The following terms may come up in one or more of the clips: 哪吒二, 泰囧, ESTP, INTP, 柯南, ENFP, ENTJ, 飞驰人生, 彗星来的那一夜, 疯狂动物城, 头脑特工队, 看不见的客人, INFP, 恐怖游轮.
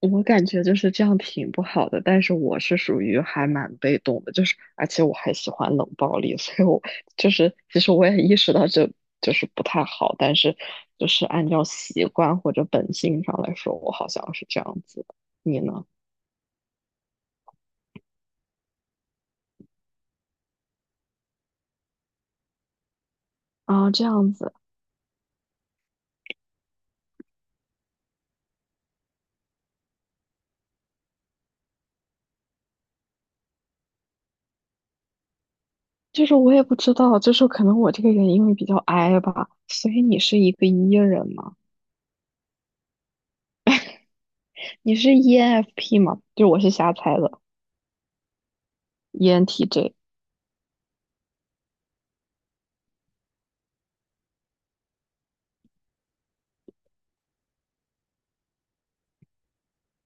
我感觉就是这样挺不好的，但是我是属于还蛮被动的，就是而且我还喜欢冷暴力，所以我就是其实我也意识到这就是不太好，但是就是按照习惯或者本性上来说，我好像是这样子的。你呢？啊，这样子，就是我也不知道，就是可能我这个人因为比较 I 吧，所以你是一个 E 人吗？你是 ENFP 吗？就我是瞎猜的，ENTJ。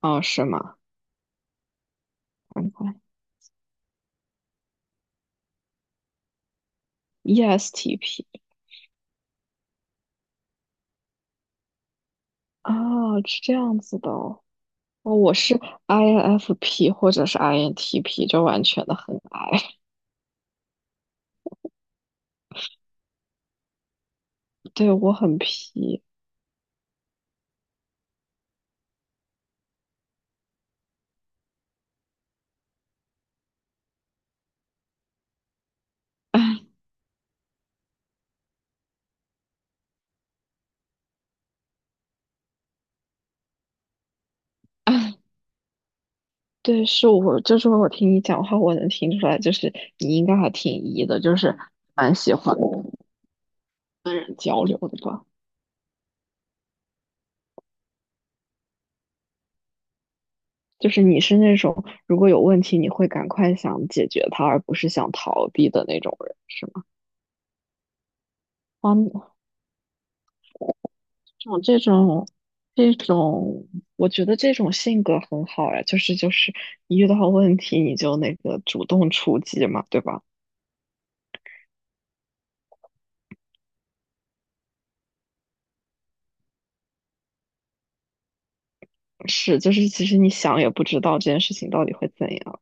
啊，是吗？嗯， ESTP。啊，是这样子的哦。哦，我是 INFP 或者是 INTP，就完全的很 I。对，我很 P。对，是我，就是我听你讲话，我能听出来，就是你应该还挺 E 的，就是蛮喜欢跟人交流的吧。就是你是那种如果有问题，你会赶快想解决它，而不是想逃避的那种人，是吗？哇，种这种这种，我觉得这种性格很好呀，就是一遇到问题你就那个主动出击嘛，对吧？是，就是其实你想也不知道这件事情到底会怎样。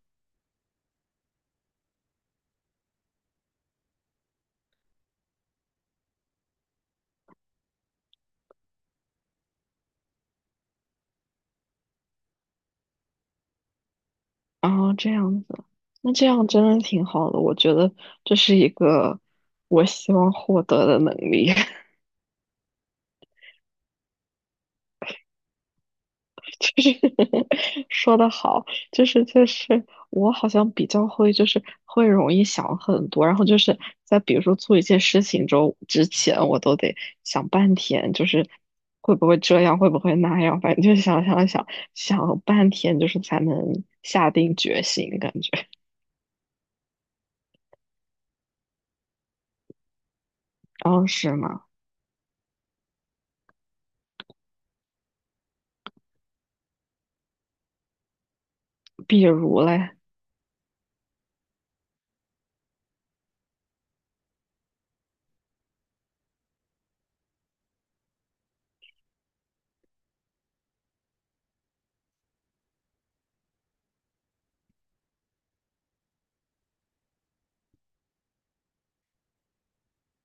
啊，这样子，那这样真的挺好的，我觉得这是一个我希望获得的能力。就是说的好，就是我好像比较会，就是会容易想很多，然后就是在比如说做一件事情之前，我都得想半天，就是会不会这样，会不会那样，反正就想想半天，就是才能下定决心，感觉。然后是吗？比如嘞。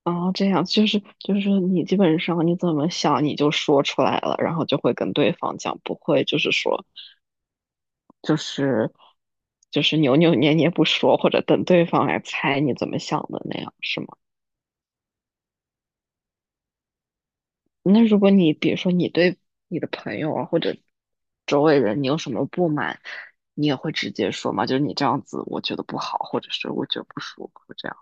然后这样就是你基本上你怎么想你就说出来了，然后就会跟对方讲，不会就是说，就是就是扭扭捏捏不说，或者等对方来猜你怎么想的那样，是吗？那如果你比如说你对你的朋友啊或者周围人你有什么不满，你也会直接说吗？就是你这样子我觉得不好，或者是我觉得不舒服这样。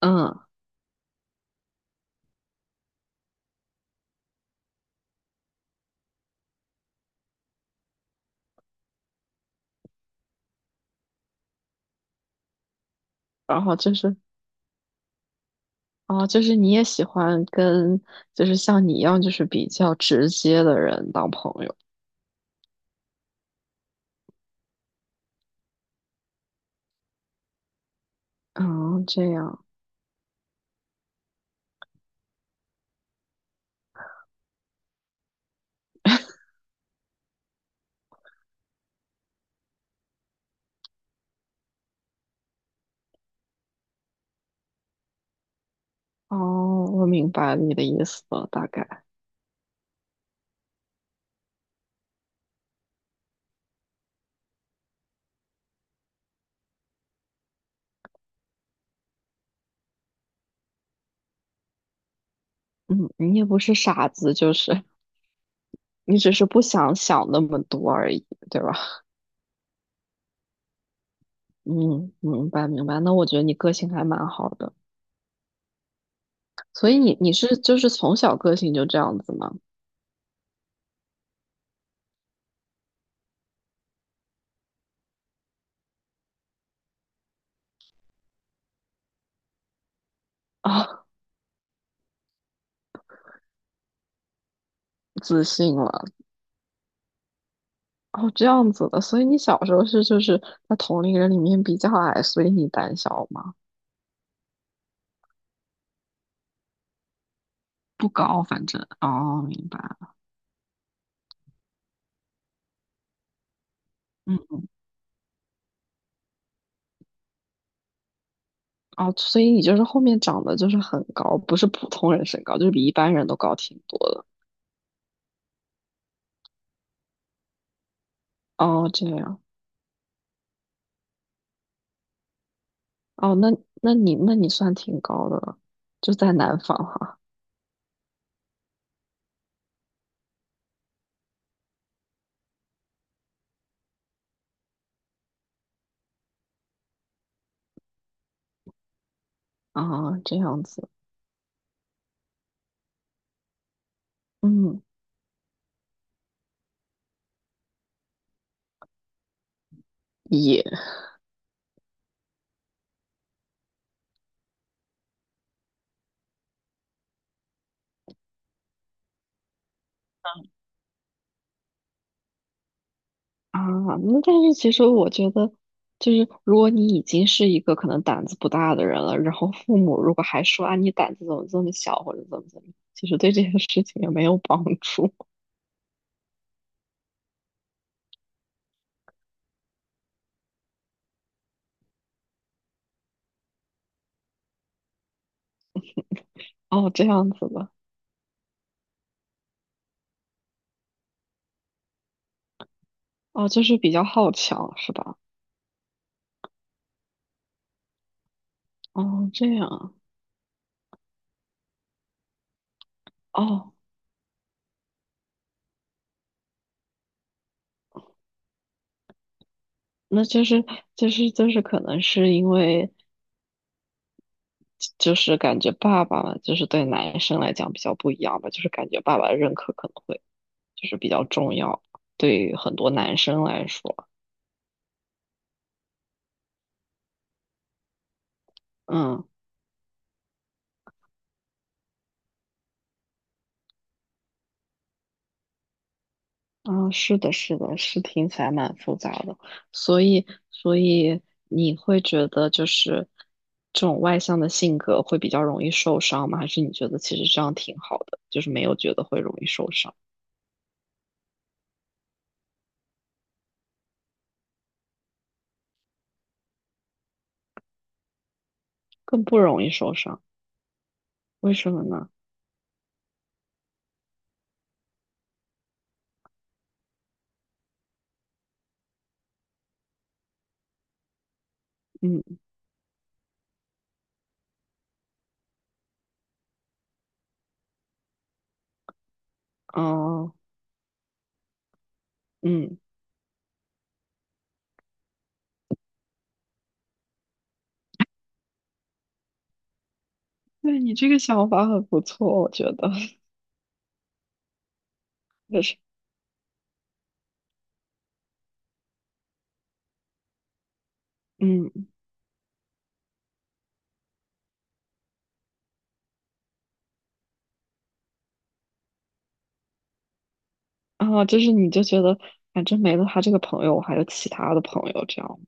嗯，然后就是啊，就是你也喜欢跟就是像你一样就是比较直接的人当朋友。啊，这样。哦，我明白你的意思了，大概。嗯，你也不是傻子，就是你只是不想想那么多而已，对吧？嗯，明白明白。那我觉得你个性还蛮好的，所以你是就是从小个性就这样子吗？啊，自信了，哦，这样子的。所以你小时候是就是在同龄人里面比较矮，所以你胆小吗？不高，反正。哦，明白。嗯，哦，所以你就是后面长得就是很高，不是普通人身高，就是比一般人都高挺多的。哦，这样。哦，那那你算挺高的了，就在南方哈。啊，这样子，嗯，也啊，那但是其实我觉得，就是如果你已经是一个可能胆子不大的人了，然后父母如果还说啊你胆子怎么这么小或者怎么怎么样，其实对这件事情也没有帮助。哦，这样子的，哦，就是比较好强是吧？哦，这样，哦，那就是可能是因为。就是感觉爸爸嘛就是对男生来讲比较不一样吧，就是感觉爸爸的认可可能会就是比较重要，对于很多男生来说，嗯啊，是的，是的，是听起来蛮复杂的，所以你会觉得就是这种外向的性格会比较容易受伤吗？还是你觉得其实这样挺好的，就是没有觉得会容易受伤，更不容易受伤，为什么呢？嗯，哦，嗯。对你这个想法很不错，我觉得就是，嗯，啊，就是你就觉得反正没了他这个朋友，我还有其他的朋友，这样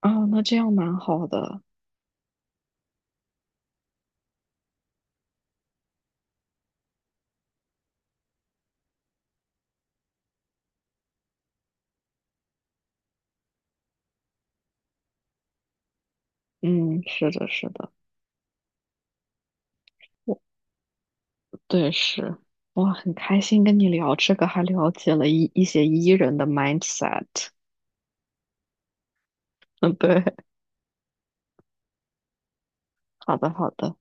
啊，那这样蛮好的，嗯，是的，是的，我对是，哇，很开心跟你聊这个，还了解了一些 E 人的 mindset，嗯，对，好的，好的。